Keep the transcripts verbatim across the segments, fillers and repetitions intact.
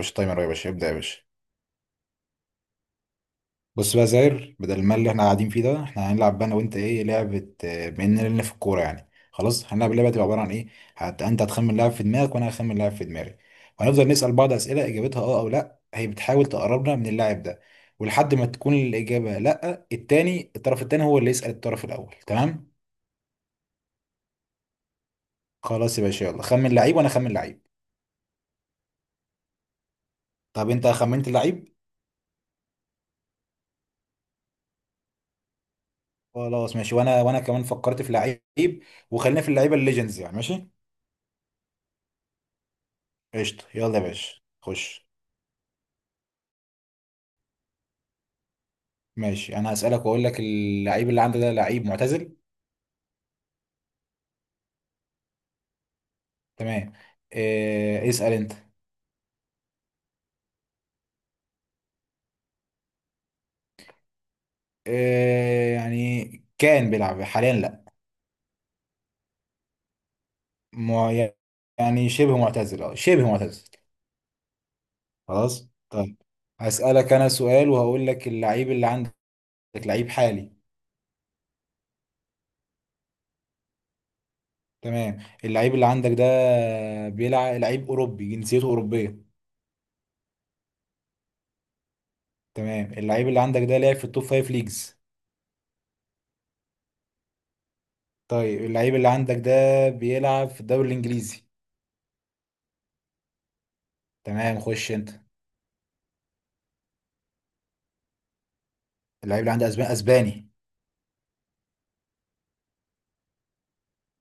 مش تايمر يا باشا، ابدأ يا باشا. بص بقى يا زاير، بدل المال اللي احنا قاعدين فيه ده احنا هنلعب بقى انا وانت ايه لعبة، آه، بما اننا لنا في الكورة يعني. خلاص هنلعب اللعبة، تبقى عبارة عن ايه؟ هت... انت هتخمن لاعب في دماغك وانا هخمن لاعب في دماغي. وهنفضل نسأل بعض أسئلة اجابتها اه او لا، هي بتحاول تقربنا من اللاعب ده. ولحد ما تكون الإجابة لا، التاني الطرف التاني هو اللي يسأل الطرف الأول، تمام؟ خلاص يا باشا، يلا خمن لعيب وانا خمن لعيب. طب انت خمنت لعيب؟ خلاص ماشي، وانا وانا كمان فكرت في لعيب. وخلينا في اللعيبة الليجندز يعني. ماشي. قشطة، يلا يا باشا خش. ماشي، انا هسألك واقول لك اللعيب اللي عندك ده لعيب معتزل؟ تمام. إيه، اسأل انت. إيه يعني؟ كان بيلعب حاليا، لا؟ مع- يعني شبه معتزل، اه شبه معتزل. خلاص طيب. هسألك انا سؤال وهقول لك اللعيب اللي عندك لعيب حالي؟ تمام. اللعيب اللي عندك ده بيلعب لعيب اوروبي، جنسيته اوروبية؟ تمام. اللعيب اللي عندك ده لعب في التوب فايف ليجز؟ طيب، اللعيب اللي عندك ده بيلعب في الدوري الانجليزي؟ تمام، خش انت. اللعيب اللي عندي اسباني، اسباني.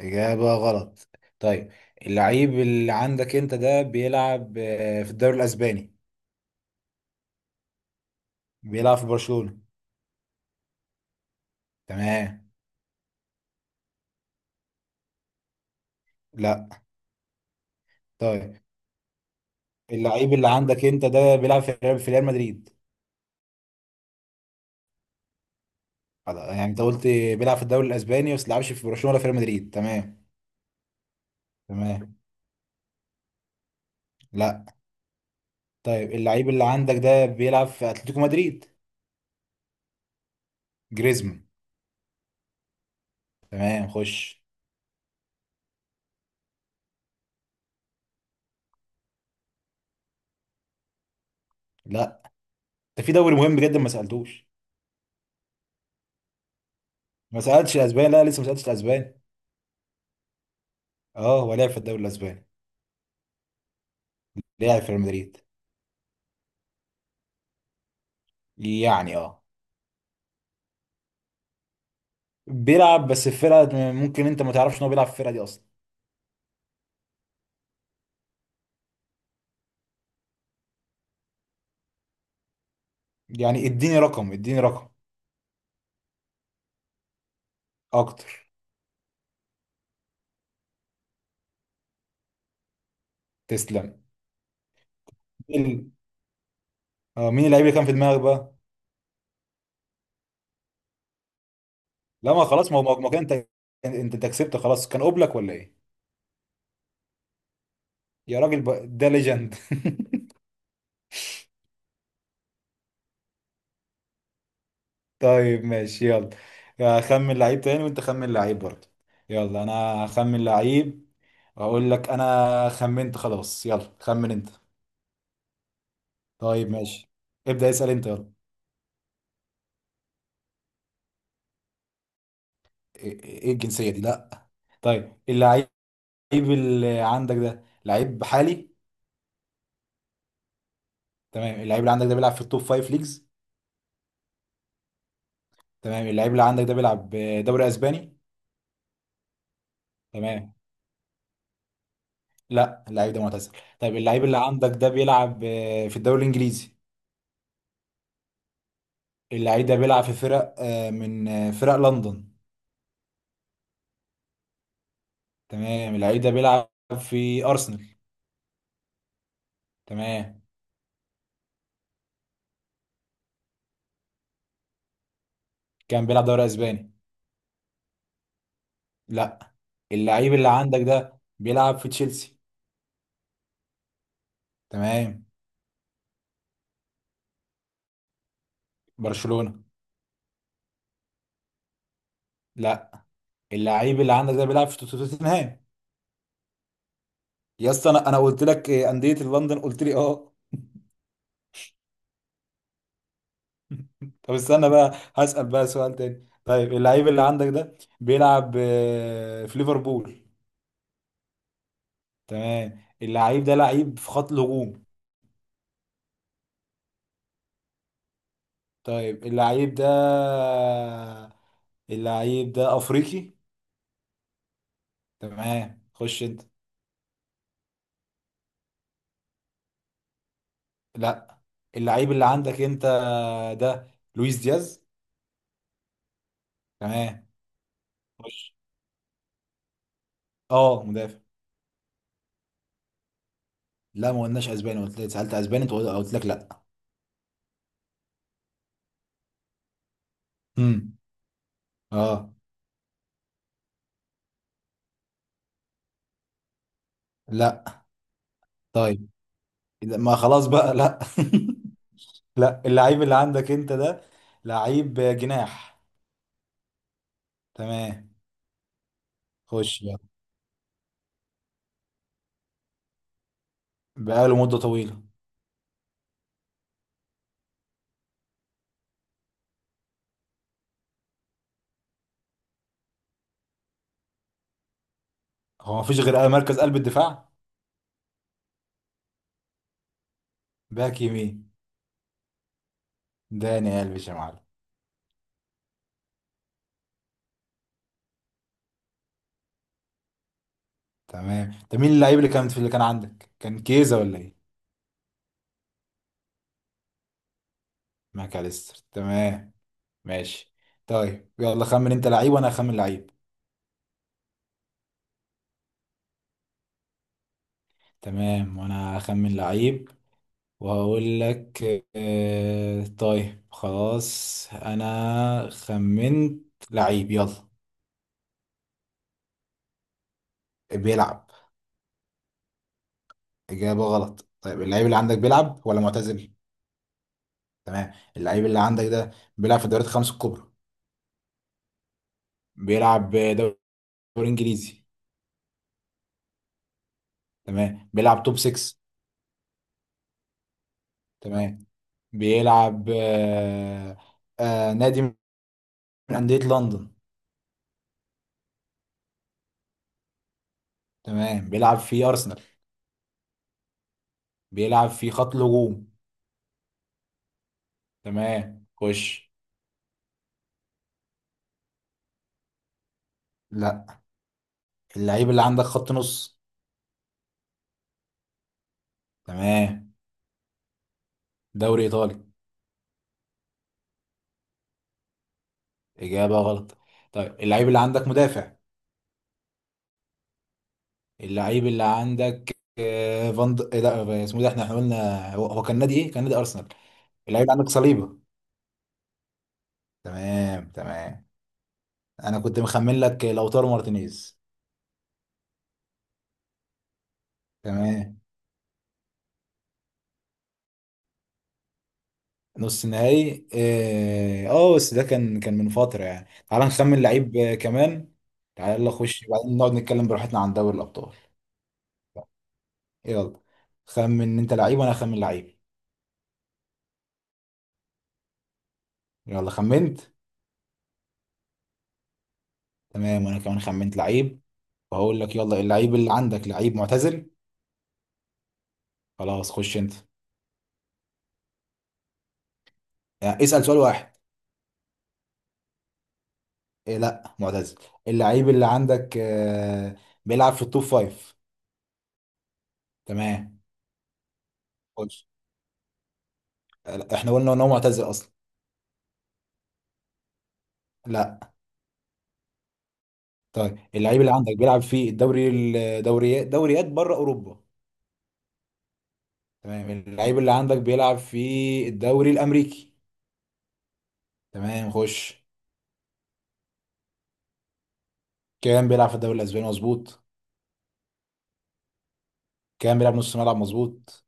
اجابه غلط. طيب، اللعيب اللي عندك انت ده بيلعب آه، في الدوري الاسباني؟ بيلعب في برشلونه؟ تمام. لا. طيب، اللعيب اللي عندك انت ده بيلعب في ريال في ريال مدريد؟ خلاص، يعني انت قلت بيلعب في الدوري الاسباني بس بيلعبش في برشلونه ولا في ريال مدريد، تمام. تمام. لا. طيب، اللعيب اللي عندك ده بيلعب في اتلتيكو مدريد؟ جريزمان؟ تمام، خش. لا، ده في دوري مهم جدا ما سالتوش. ما سالتش الاسباني، لا لسه ما سالتش الاسباني. اه، هو لعب في الدوري الاسباني. لعب في ريال مدريد. يعني اه. بيلعب بس في فرقه ممكن انت ما تعرفش ان هو بيلعب في الفرقه دي اصلا. يعني اديني رقم، اديني رقم. اكتر. تسلم. مين ال- اه، مين اللعيب اللي كان في دماغك بقى؟ لا ما خلاص، ما هو ما كان انت. انت أنت كسبت خلاص، كان قبلك ولا ايه؟ يا راجل بقى، ده ليجند. طيب ماشي، يلا. اخمن لعيب تاني وانت خمن لعيب برضه. يلا، انا هخمن لعيب واقول لك. انا خمنت خلاص، يلا خمن انت. طيب ماشي. ابدأ اسأل انت، يلا. ايه، إيه الجنسية دي، لا. طيب، اللعيب اللي عندك ده لعيب حالي؟ تمام. اللعيب اللي عندك ده بيلعب في التوب فايف ليجز؟ تمام. اللعيب اللي عندك ده بيلعب دوري اسباني؟ تمام. لا، اللعيب ده معتزل. طيب، اللعيب اللي عندك ده بيلعب آه، في الدوري الانجليزي؟ اللعيب ده بيلعب في فرق آه، من آه، فرق لندن؟ تمام. اللعيب ده بيلعب في ارسنال؟ تمام. كان بيلعب دوري اسباني؟ لا. اللعيب اللي عندك ده بيلعب في تشيلسي؟ تمام. برشلونة؟ لا. اللعيب اللي عندك ده بيلعب في توت- توتنهام؟ يا اسطى، انا انا قلت لك إيه، انديه لندن، قلت لي اه. طب استنى بقى، هسأل بقى سؤال تاني. طيب، اللعيب اللي عندك ده بيلعب آه، في ليفربول؟ تمام. اللعيب ده لعيب في خط الهجوم؟ طيب، اللعيب ده، اللعيب ده افريقي؟ تمام، خش انت. لا، اللعيب اللي عندك انت ده لويس دياز؟ تمام، خش. اه، مدافع. لا ما قلناش اسباني، قلت لك سالت اسباني، انت قلت قلت لك لا. امم اه. لا. طيب، إذا- ما خلاص بقى، لا. لا، اللعيب اللي عندك انت ده لعيب جناح؟ تمام، خش يلا. بقاله مده طويله. هو ما فيش غير مركز قلب الدفاع. باك يمين. داني قلبي يا معلم. تمام. طب مين اللعيب اللي كان في اللي كان عندك، كان كيزا ولا ايه؟ ماكاليستر. تمام، ماشي. طيب، يلا خمن انت لعيب وانا اخمن لعيب. تمام، وانا اخمن لعيب وهقول لك. آه، طيب خلاص، انا خمنت لعيب، يلا. بيلعب. اجابة غلط. طيب، اللعيب اللي عندك بيلعب ولا معتزل؟ تمام. اللعيب اللي عندك ده بيلعب في الدوريات الخمس الكبرى؟ بيلعب دوري انجليزي؟ تمام. بيلعب توب سته؟ تمام. بيلعب آه، آه، نادي من أندية لندن؟ تمام. بيلعب في ارسنال؟ بيلعب في خط الهجوم؟ تمام، خش. لا، اللعيب اللي عندك خط نص؟ تمام، دوري ايطالي؟ اجابه غلط. طيب، اللعيب اللي عندك مدافع؟ اللعيب اللي عندك آه، فان د... إيه لا اسمه ده، احنا احنا قلنا هو هو كان نادي ايه كان نادي ارسنال. اللعيب اللي عندك صليبه؟ تمام، تمام. انا كنت مخمن لك لوتارو مارتينيز. تمام، نص نهائي اه. آه، بس ده كان كان من فتره يعني. تعال نخمن لعيب آه، كمان. تعال يلا، خش بعدين نقعد نتكلم براحتنا عن دوري الابطال. يلا خمن انت لعيب وانا اخمن لعيب. يلا، خمنت. تمام، وانا كمان خمنت لعيب وهقول لك. يلا، اللعيب اللي عندك لعيب معتزل؟ خلاص، خش انت. يعني اسأل سؤال واحد. إيه، لا معتزل. اللعيب اللي عندك آه، بيلعب في التوب فايف؟ تمام، خش. لا، احنا قلنا ان هو معتزل اصلا. لا. طيب، اللعيب اللي عندك بيلعب في الدوري الدوريات دوريات بره اوروبا؟ تمام. اللعيب اللي عندك بيلعب في الدوري الامريكي؟ تمام، خش. كان بيلعب في الدوري الاسباني، مظبوط. كان بيلعب نص ملعب، مظبوط.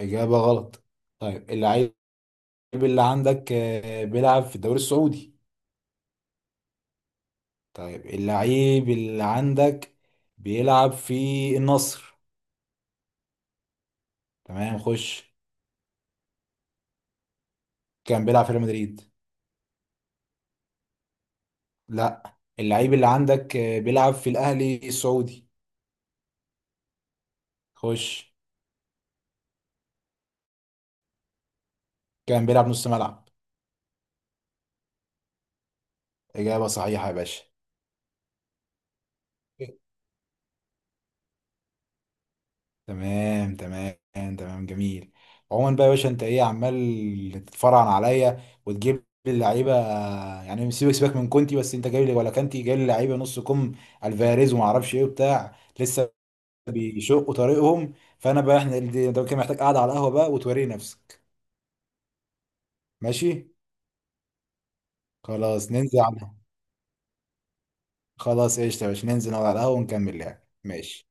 اجابه غلط. طيب، اللعيب اللعيب اللي عندك آه، بيلعب في الدوري السعودي؟ طيب، اللعيب اللي عندك بيلعب في النصر؟ تمام، خش. كان بيلعب في ريال مدريد. لا، اللعيب اللي عندك آه، بيلعب في الاهلي السعودي؟ خش. كان بيلعب نص ملعب. اجابه صحيحه يا باشا. تمام، تمام، تمام. جميل. عموما بقى يا باشا، انت ايه عمال تتفرعن عليا وتجيب لي اللعيبه؟ يعني سيبك سيبك من كونتي، بس انت جايب لي ولا كانتي جايب لي لعيبه نص كم، الفاريز وما اعرفش ايه وبتاع لسه بيشقوا طريقهم. فانا بقى، احنا دي- ده كان محتاج قاعده على القهوه بقى وتوري نفسك. ماشي. خلاص ننزل على. خلاص قشطه يا باشا، ننزل نقعد على القهوه ونكمل لعب. ماشي.